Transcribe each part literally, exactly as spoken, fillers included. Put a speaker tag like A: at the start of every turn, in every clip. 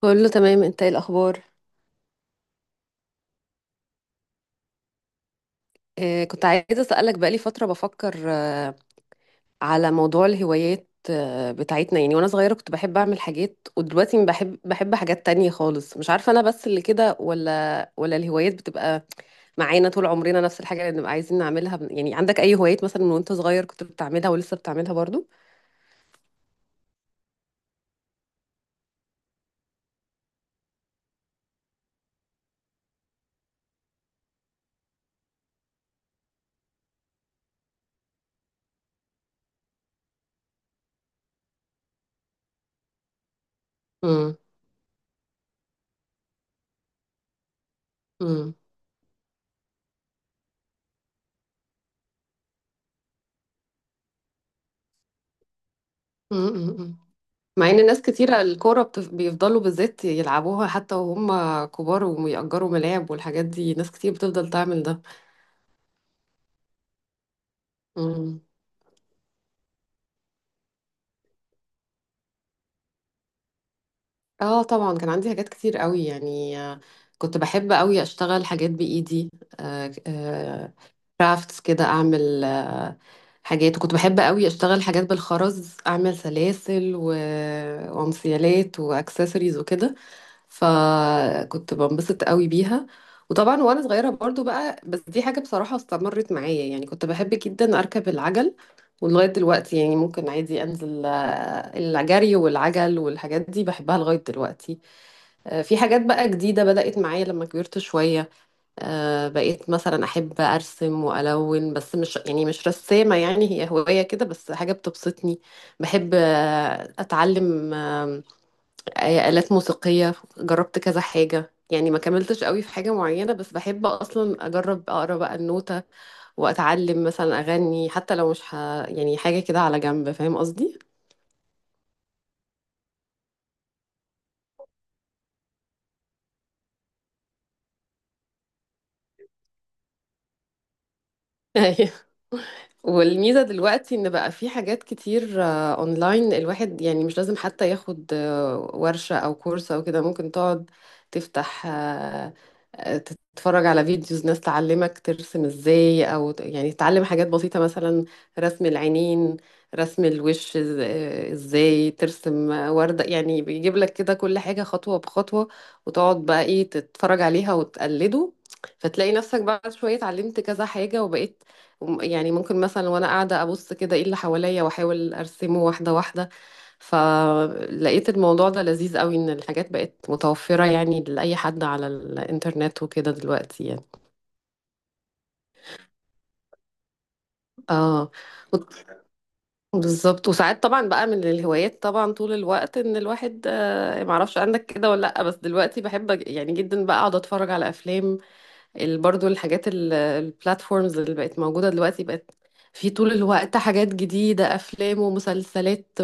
A: كله تمام، انت ايه الاخبار؟ آه كنت عايزه اسالك، بقالي فتره بفكر آه على موضوع الهوايات آه بتاعتنا، يعني وانا صغيره كنت بحب اعمل حاجات، ودلوقتي ما بحب بحب حاجات تانية خالص. مش عارفه انا بس اللي كده، ولا ولا الهوايات بتبقى معانا طول عمرنا نفس الحاجه اللي بنبقى عايزين نعملها؟ يعني عندك اي هوايات مثلا من وانت صغير كنت بتعملها ولسه بتعملها برضو؟ امم. امم. مع ان ناس كتيرة الكورة بتف... بيفضلوا بالذات يلعبوها حتى وهم كبار، ويأجروا ملاعب والحاجات دي، ناس كتير بتفضل تعمل ده. مم. اه، طبعا كان عندي حاجات كتير قوي، يعني آه، كنت بحب قوي اشتغل حاجات بايدي، كرافتس كده، اعمل آه، حاجات. وكنت بحب قوي اشتغل حاجات بالخرز، اعمل سلاسل و... وانسيالات واكسسوارز وكده، فكنت بنبسط قوي بيها. وطبعا وانا صغيره برضو بقى، بس دي حاجه بصراحه استمرت معايا، يعني كنت بحب جدا اركب العجل، ولغايه دلوقتي يعني ممكن عادي انزل، آه، الجري والعجل والحاجات دي بحبها لغايه دلوقتي. آه، في حاجات بقى جديده بدات معايا لما كبرت شويه. آه، بقيت مثلا احب ارسم والون، بس مش يعني مش رسامه، يعني هي هوايه كده بس، حاجه بتبسطني. بحب آه، اتعلم آه، آلات موسيقية، جربت كذا حاجة يعني ما كملتش قوي في حاجة معينة، بس بحب أصلا أجرب أقرأ بقى النوتة وأتعلم مثلا أغني، حتى لو مش ه... يعني حاجة كده على جنب. فاهم قصدي؟ والميزة دلوقتي ان بقى في حاجات كتير آه، اونلاين، الواحد يعني مش لازم حتى ياخد آه، ورشة او كورس او كده، ممكن تقعد تفتح آه، آه، تتفرج على فيديوز ناس تعلمك ترسم ازاي، او ت- يعني تتعلم حاجات بسيطة مثلا رسم العينين، رسم الوش، إز- آه، ازاي ترسم آه، وردة. يعني بيجيب لك كده كل حاجة خطوة بخطوة، وتقعد بقى ايه تتفرج عليها وتقلده، فتلاقي نفسك بعد شوية اتعلمت كذا حاجة وبقيت، وم- يعني ممكن مثلا وانا قاعده ابص كده ايه اللي حواليا واحاول ارسمه واحده واحده. فلقيت الموضوع ده لذيذ قوي، ان الحاجات بقت متوفره يعني لاي حد على الانترنت وكده دلوقتي يعني. اه، بالظبط. وساعات طبعا بقى من الهوايات، طبعا طول الوقت ان الواحد، آه، معرفش عندك كده ولا لا، بس دلوقتي بحب أج- يعني جدا بقى اقعد اتفرج على افلام. ال- برضو الحاجات ال- البلاتفورمز اللي بقت موجوده دلوقتي، بقت في طول الوقت حاجات جديده، افلام ومسلسلات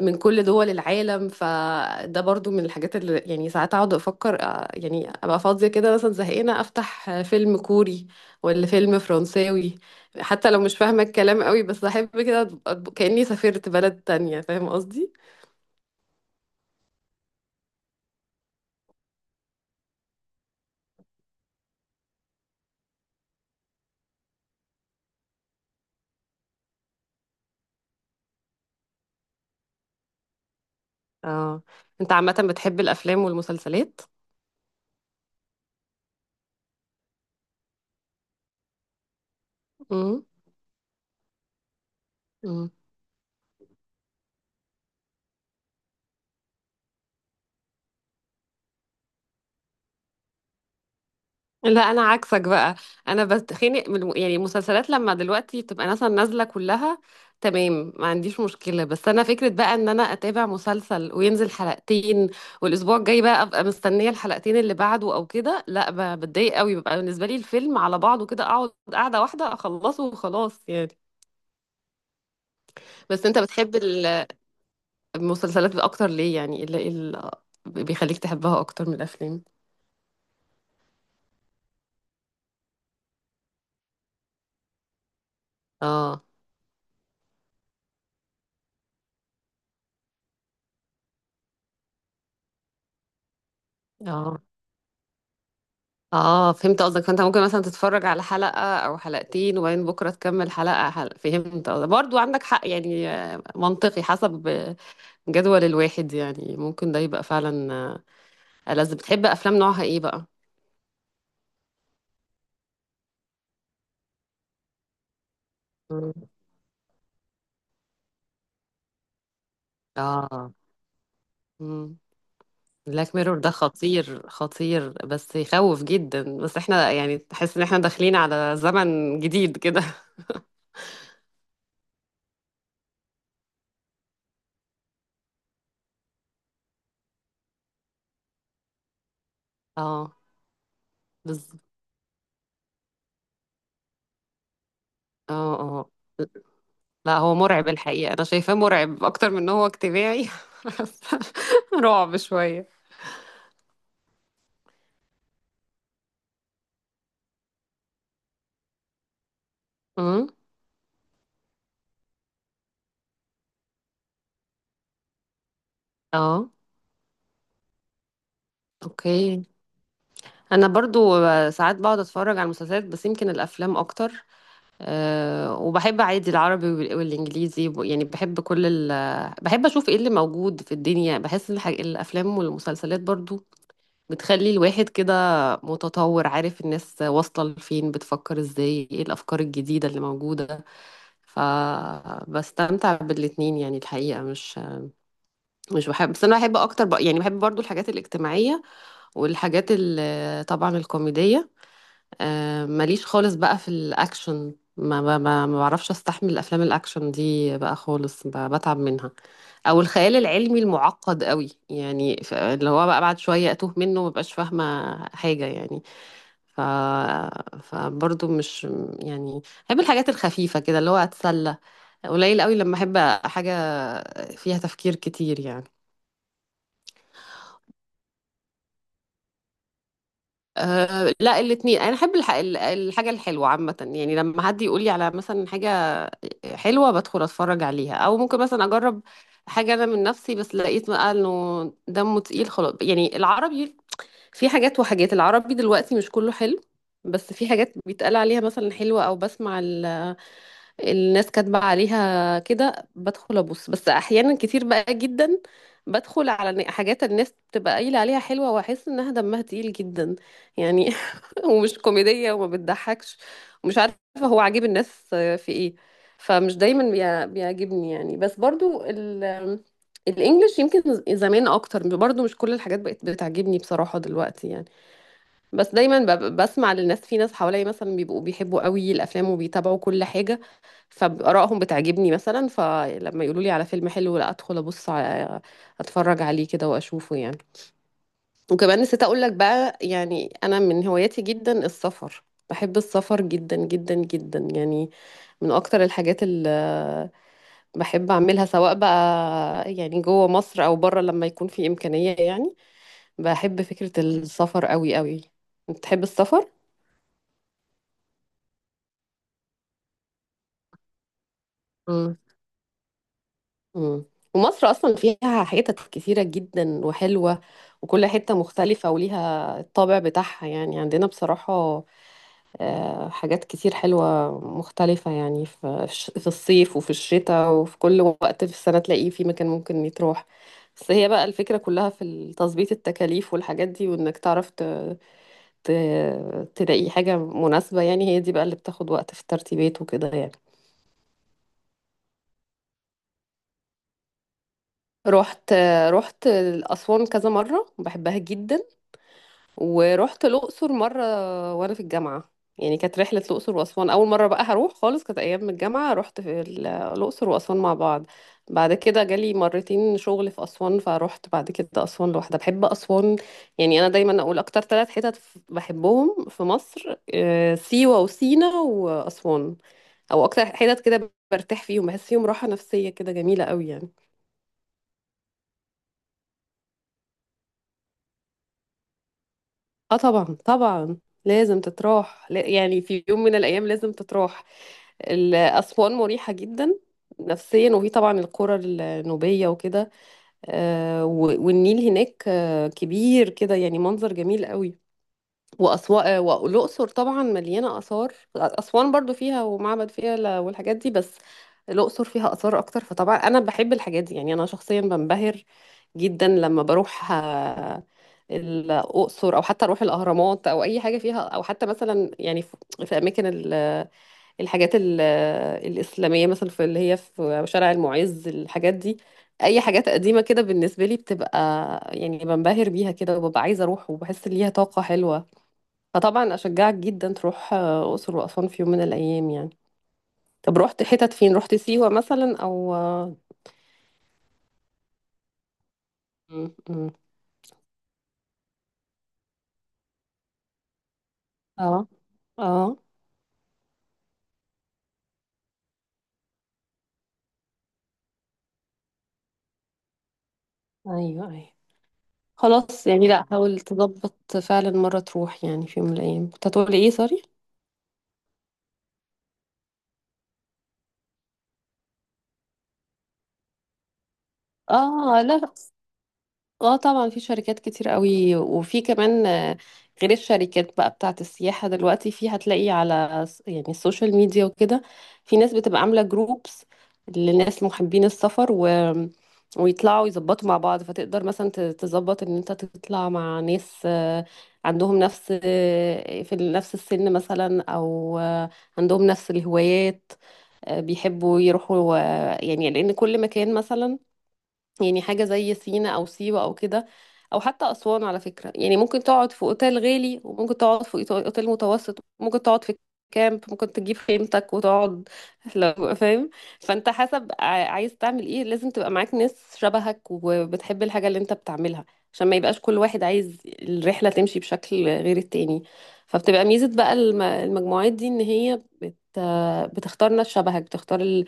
A: من كل دول العالم. فده برضو من الحاجات اللي يعني ساعات اقعد افكر آه، يعني ابقى فاضية كده مثلا، زهقانة، افتح آه، فيلم كوري ولا فيلم فرنساوي. حتى لو مش فاهمة الكلام قوي، بس احب كده أبقى- كأني سافرت بلد تانية. فاهم قصدي؟ اه. انت عامة بتحب الافلام والمسلسلات؟ امم. لا، انا عكسك بقى. انا بتخنق من الم- يعني المسلسلات لما دلوقتي بتبقى مثلا نازله كلها تمام، ما عنديش مشكله. بس انا فكره بقى ان انا اتابع مسلسل وينزل حلقتين، والاسبوع الجاي بقى ابقى مستنيه الحلقتين اللي بعده او كده، لا، ب- بتضايق قوي. بيبقى بالنسبه لي الفيلم على بعضه كده، اقعد قاعده واحده اخلصه وخلاص يعني. بس انت بتحب ال- المسلسلات اكتر ليه؟ يعني ايه اللي إيه اللي بيخليك تحبها اكتر من الافلام؟ اه، اه، اه، فهمت قصدك. فانت ممكن مثلا تتفرج على حلقة او حلقتين، وبعدين بكرة تكمل حلقة، حلقة. فهمت قصدك، برضو عندك حق. يعني آه، منطقي، حسب آه، جدول الواحد، يعني ممكن ده يبقى فعلا آه، ألذ. بتحب افلام نوعها ايه بقى؟ مم. اه. امم بلاك ميرور ده خطير، خطير، بس يخوف جدا. بس احنا يعني تحس ان احنا داخلين على زمن جديد كده. اه. بز... اه، اه، لا هو مرعب الحقيقة، أنا شايفاه مرعب أكتر من إن هو اجتماعي. رعب شوية. امم اه، اوكي. انا برضو ساعات بقعد اتفرج على المسلسلات، بس يمكن الافلام اكتر. أه، وبحب عادي العربي وال- والانجليزي، ب- يعني بحب كل ال بحب اشوف ايه اللي موجود في الدنيا، بحس الح... الافلام والمسلسلات برضو بتخلي الواحد كده متطور، عارف الناس واصلة لفين، بتفكر ازاي، ايه الافكار الجديدة اللي موجودة. فبستمتع بالاتنين يعني الحقيقة، مش مش بحب، بس انا بحب اكتر بق... يعني بحب برضو الحاجات الاجتماعية والحاجات ال... طبعا الكوميدية. آه، ماليش خالص بقى في الاكشن، ما ما ما ما بعرفش استحمل افلام الاكشن دي بقى خالص، ب- بتعب منها. او الخيال العلمي المعقد قوي يعني، ف- اللي هو بقى بعد شوية اتوه منه ومبقاش فاهمة حاجة يعني. ف... فبرضه مش، يعني، بحب الحاجات الخفيفة كده، اللي هو أتسلى. قليل قوي لما أحب حاجة فيها تفكير كتير يعني. أه، لا، الاتنين. أنا أحب الح... ال- الحاجة الحلوة عامة، يعني لما حد يقول لي على مثلا حاجة حلوة بدخل أتفرج عليها، أو ممكن مثلا أجرب حاجة أنا من نفسي. بس لقيت بقى إنه دمه تقيل خلاص يعني العربي، في حاجات وحاجات، العربي دلوقتي مش كله حلو. بس في حاجات بيتقال عليها مثلا حلوة، أو بسمع الناس كاتبة عليها كده بدخل أبص، بس أحيانا كتير بقى جدا بدخل على ن- حاجات الناس بتبقى قايلة عليها حلوة، وأحس إنها دمها تقيل جدا يعني. ومش كوميدية وما بتضحكش، ومش عارفة هو عاجب الناس في إيه. فمش دايما بيع- بيعجبني يعني. بس برضو ال الإنجليش، يمكن زمان أكتر، برضو مش كل الحاجات بقت بتعجبني بصراحة دلوقتي يعني. بس دايما بب- بسمع للناس، في ناس حواليا مثلا بيبقوا بيحبوا قوي الافلام وبيتابعوا كل حاجه، فارائهم بتعجبني مثلا، فلما يقولوا لي على فيلم حلو، لا، ادخل ابص على اتفرج عليه كده واشوفه يعني. وكمان نسيت اقول لك بقى، يعني انا من هواياتي جدا السفر، بحب السفر جدا جدا جدا يعني، من اكتر الحاجات اللي بحب اعملها، سواء بقى يعني جوه مصر او بره لما يكون في امكانيه يعني. بحب فكره السفر قوي قوي. بتحب السفر؟ مم. ومصر اصلا فيها حتت كتيره جدا وحلوه، وكل حته مختلفه وليها الطابع بتاعها، يعني عندنا بصراحه آه، حاجات كتير حلوه مختلفه، يعني في في الصيف وفي الشتاء وفي كل وقت في السنه تلاقيه في مكان ممكن يتروح. بس هي بقى الفكره كلها في تظبيط التكاليف والحاجات دي، وانك تعرف ت... ت... تلاقي حاجه مناسبه، يعني هي دي بقى اللي بتاخد وقت في الترتيبات وكده يعني. رحت رحت أسوان كذا مرة، بحبها جدا، ورحت الأقصر مرة وأنا في الجامعة، يعني كانت رحلة الأقصر وأسوان أول مرة بقى هروح خالص، كانت أيام الجامعة، رحت في ال- الأقصر وأسوان مع بعض. بعد كده جالي مرتين شغل في أسوان فروحت بعد كده أسوان لوحدها، بحب أسوان. يعني أنا دايما أقول أكتر ثلاث حتت ف- بحبهم في مصر آه، سيوة وسينا وأسوان، أو أكتر حتت كده برتاح فيهم، بحس فيهم راحة نفسية كده جميلة قوي يعني. اه، طبعا، طبعا لازم تتراح، لا- يعني في يوم من الأيام لازم تتراح. ال- أسوان مريحة جدا نفسيا، وهي طبعا القرى النوبية وكده، آه، و- والنيل هناك آه، كبير كده، يعني منظر جميل قوي. وأسوان والأقصر طبعا مليانة آثار، أسوان برضو فيها ومعبد فيها والحاجات دي، بس الأقصر فيها آثار أكتر. فطبعا أنا بحب الحاجات دي يعني، أنا شخصيا بنبهر جدا لما بروح آه، الأقصر، أو حتى أروح الأهرامات أو أي حاجة فيها، أو حتى مثلا يعني في في أماكن ال- الحاجات ال- الإسلامية، مثلا في اللي هي في شارع المعز، الحاجات دي. أي حاجات قديمة كده بالنسبة لي بتبقى يعني بنبهر بيها كده، وببقى عايزة أروح وبحس إن ليها طاقة حلوة. فطبعا اشجعك جدا تروح آه، الاقصر واسوان في يوم من الايام يعني. طب رحت حتت فين؟ رحت سيوه مثلا او اه؟ م. م. اه. آه. ايوه، ايوه، خلاص يعني، لا، حاول تظبط فعلا مره تروح، يعني في يوم من الايام. كنت هتقولي ايه؟ سوري. اه، لا. اه، طبعا في شركات كتير قوي، وفي كمان آه، غير الشركات بقى بتاعت السياحة، دلوقتي في هتلاقي على س- يعني السوشيال ميديا وكده، في ناس بتبقى عاملة جروبس لناس محبين السفر و... ويطلعوا يظبطوا مع بعض. فتقدر مثلا ت- تظبط ان انت تطلع مع ناس آه، عندهم نفس آه، في ال- نفس السن مثلا، او آه، عندهم نفس الهوايات، آه، بيحبوا يروحوا آه، يعني لان كل مكان مثلا يعني حاجة زي سينا أو سيوة أو كده، أو حتى أسوان على فكرة، يعني ممكن تقعد في أوتيل غالي، وممكن تقعد في أوت- أوتيل متوسط، ممكن تقعد في كامب، ممكن تجيب خيمتك وتقعد. لو فاهم. فأنت حسب ع- عايز تعمل إيه، لازم تبقى معاك ناس شبهك وبتحب الحاجة اللي أنت بتعملها، عشان ما يبقاش كل واحد عايز الرحلة تمشي بشكل غير التاني. فبتبقى ميزة بقى الم- المجموعات دي إن هي بت... بتختار ناس شبهك، بتختار،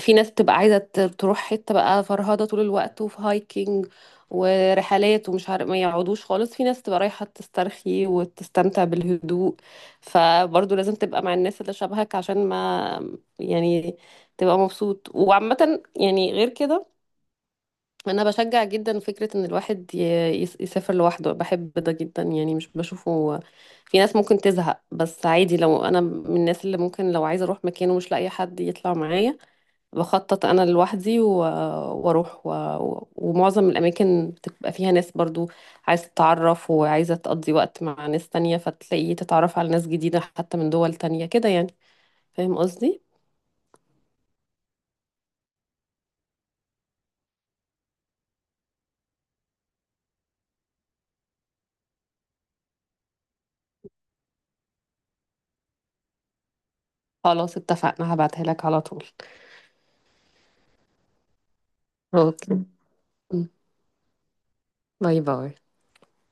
A: في ناس بتبقى عايزة ت- تروح حتة بقى فرهضة طول الوقت وفي هايكنج ورحلات ومش عارف، ما يقعدوش خالص، في ناس تبقى رايحة تسترخي وتستمتع بالهدوء. فبرضه لازم تبقى مع الناس اللي شبهك عشان ما، يعني، تبقى مبسوط. وعامة يعني غير كده، انا بشجع جدا فكرة ان الواحد ي- يس- يسافر لوحده، بحب ده جدا يعني، مش بشوفه، في ناس ممكن تزهق بس عادي. لو انا من الناس اللي ممكن لو عايزة اروح مكان ومش لاقية حد يطلع معايا، بخطط انا لوحدي و- واروح و... و- ومعظم الاماكن بتبقى فيها ناس برضو عايزه تتعرف وعايزه تقضي وقت مع ناس تانية، فتلاقي تتعرف على ناس جديده حتى من دول تانية كده يعني. فاهم قصدي؟ خلاص، اتفقنا، هبعتها لك على طول. اوكي. م. باي، باي.